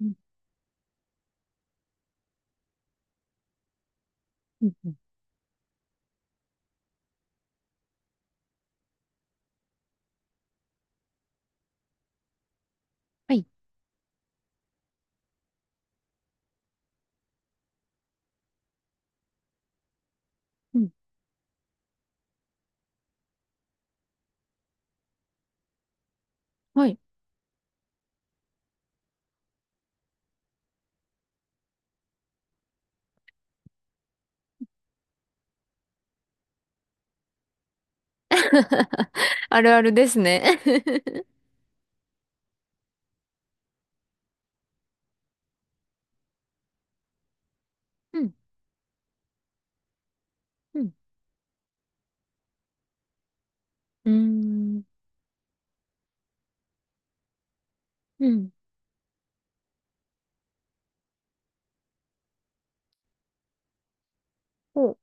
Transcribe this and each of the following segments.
うん、うん、うん。はい。うん、はい。あるあるですね。うん、うん、うーん、うん。お、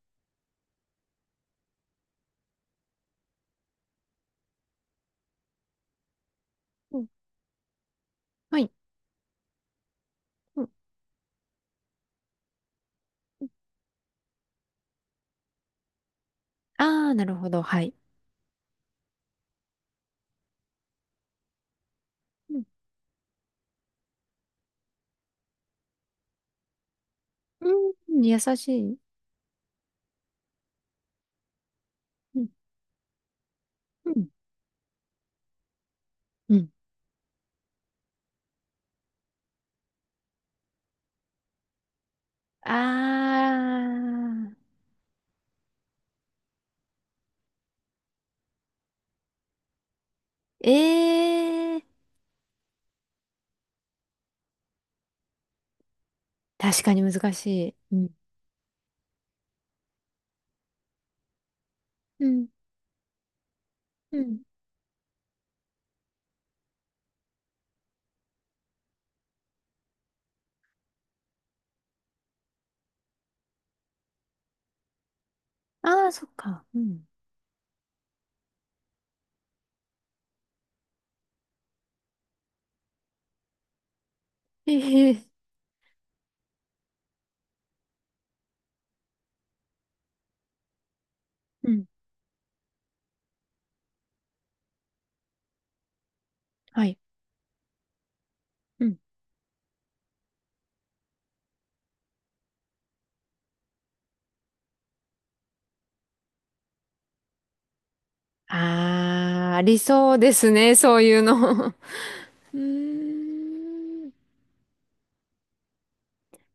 うん、はい。うん、うん。ああー、なるほど。はい。うん、うん、優しい。うん、うん、うん。ああ、ええー、確かに難しい。うん、うん、うん。ああ、そっか。うん。ええうん、はい。うん。ああ、ありそうですね。そういうの。うーん、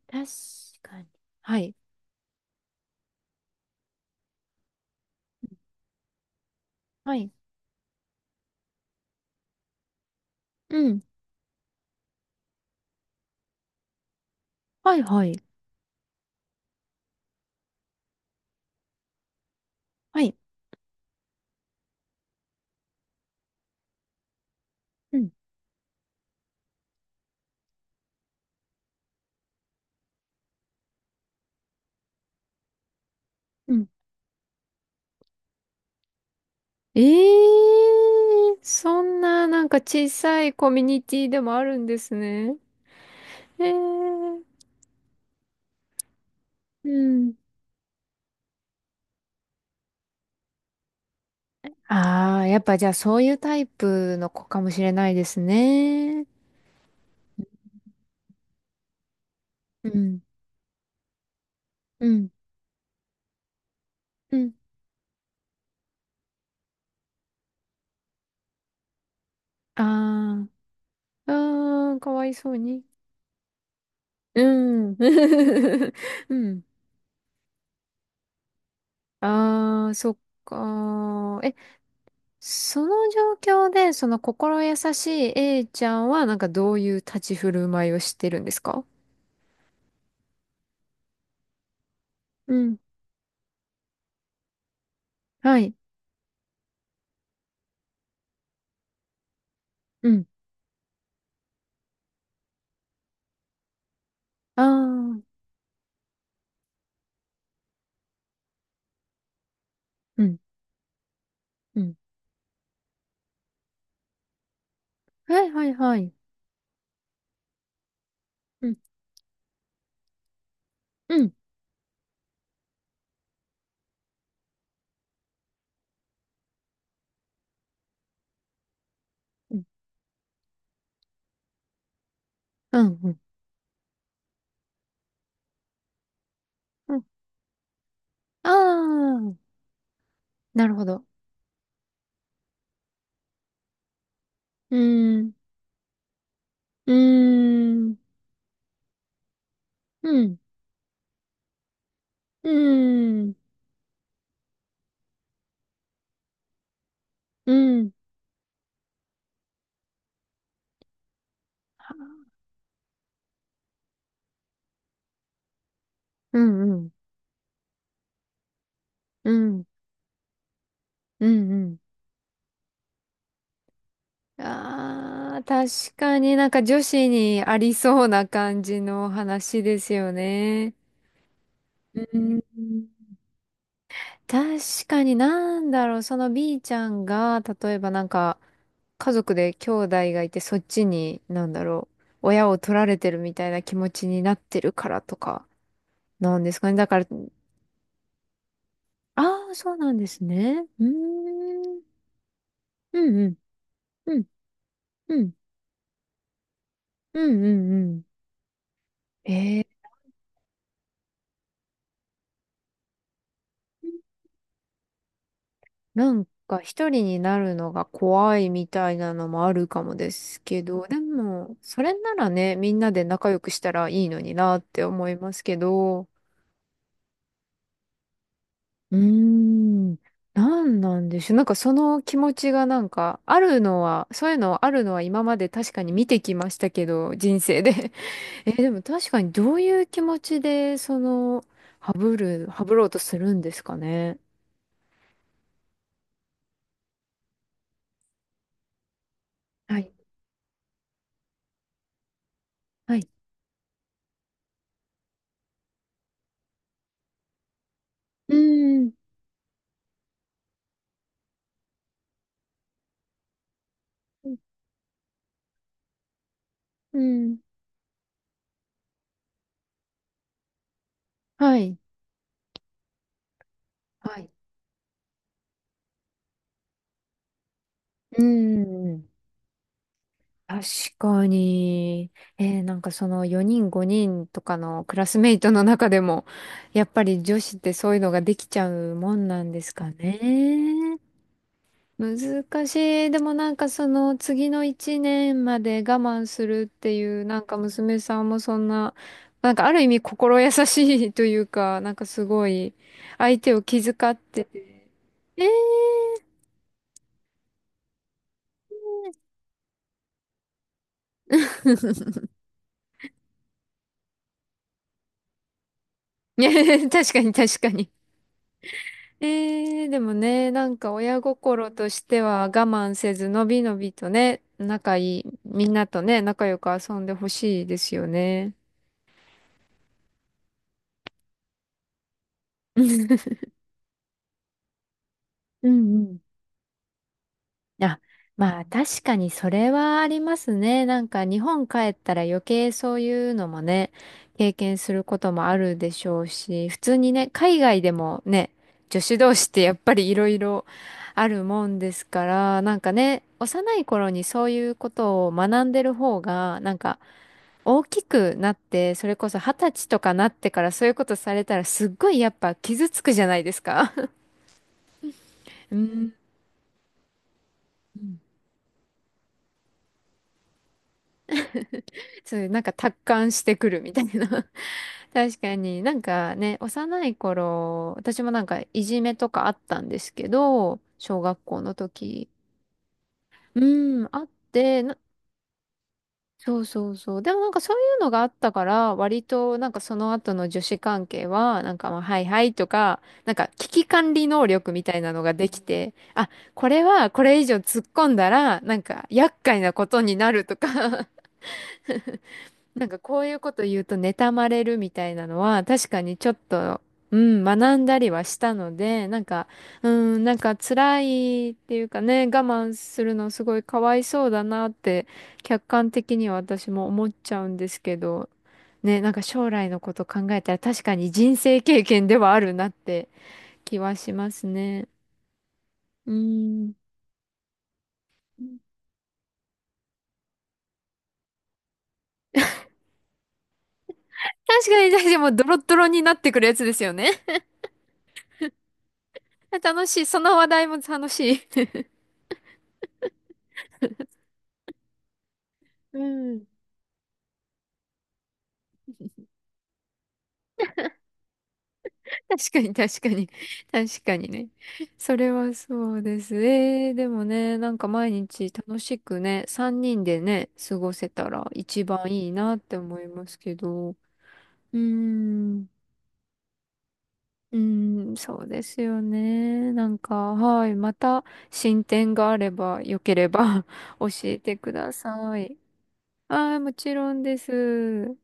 確かに。はい。はい。うん。はいはい。はい。うん。うん。ええー、そんななんか小さいコミュニティでもあるんですね。えーうん。ああ、やっぱじゃあそういうタイプの子かもしれないですね。うん。うん。うん。ああ。うーん、かわいそうに。うん。うん。ああ、そっか。え、その状況で、その心優しい A ちゃんは、なんかどういう立ち振る舞いをしてるんですか？うん。はい。うん。ああ。うん。うん。はいはいはい。うん。うん。うん。うん。うん。うん。ああ。なるほど。うーん。うーん。うん。うーん。うん。はうんうん。うん。うんうん。ああ、確かになんか女子にありそうな感じの話ですよね。うん。確かになんだろう、その B ちゃんが、例えばなんか、家族で兄弟がいて、そっちに、なんだろう、親を取られてるみたいな気持ちになってるからとか、なんですかね。だから、ああ、そうなんですね。うーん。うんうん。うんうん。うんうんうん。なんか一人になるのが怖いみたいなのもあるかもですけど、でも、それならね、みんなで仲良くしたらいいのになって思いますけど。うーん、なんなんでしょう。なんかその気持ちがなんか、あるのは、そういうのあるのは今まで確かに見てきましたけど、人生で。え、でも確かにどういう気持ちで、その、ハブろうとするんですかね。はい。はい。うーん。うん。はい。はいうん。確かに。なんかその4人5人とかのクラスメイトの中でも、やっぱり女子ってそういうのができちゃうもんなんですかね。難しい。でもなんかその次の1年まで我慢するっていう、なんか娘さんもそんな、なんかある意味心優しいというか、なんかすごい相手を気遣ってて。えー ね、確かに確かに。でもね、なんか親心としては我慢せず、のびのびとね、仲いい、みんなとね、仲良く遊んでほしいですよね。うんうんあ、まあ確かにそれはありますね。なんか日本帰ったら余計そういうのもね、経験することもあるでしょうし、普通にね、海外でもね、女子同士ってやっぱりいろいろあるもんですから、なんかね、幼い頃にそういうことを学んでる方が、なんか大きくなって、それこそ二十歳とかなってからそういうことされたらすっごいやっぱ傷つくじゃないですか。うん。そういう、なんか達観してくるみたいな。確かになんかね、幼い頃、私もなんかいじめとかあったんですけど、小学校の時。うん、あって、なそうそうそう。でもなんかそういうのがあったから、割となんかその後の女子関係は、なんかまあ、はいはいとか、なんか危機管理能力みたいなのができて、あ、これはこれ以上突っ込んだら、なんか厄介なことになるとか、なんかこういうこと言うと妬まれるみたいなのは確かにちょっと、うん、学んだりはしたので、なんか、うん、なんか辛いっていうかね、我慢するのすごいかわいそうだなって客観的には私も思っちゃうんですけど、ね、なんか将来のこと考えたら確かに人生経験ではあるなって気はしますね。うん。確かに、でもうドロッドロになってくるやつですよね。楽しい。その話題も楽しい。うん。確かに、確かに。確かにね。それはそうです。でもね、なんか毎日楽しくね、3人でね、過ごせたら一番いいなって思いますけど。うーん、うーん、そうですよね。なんか、はい、また進展があれば、よければ 教えてください。ああ、もちろんです。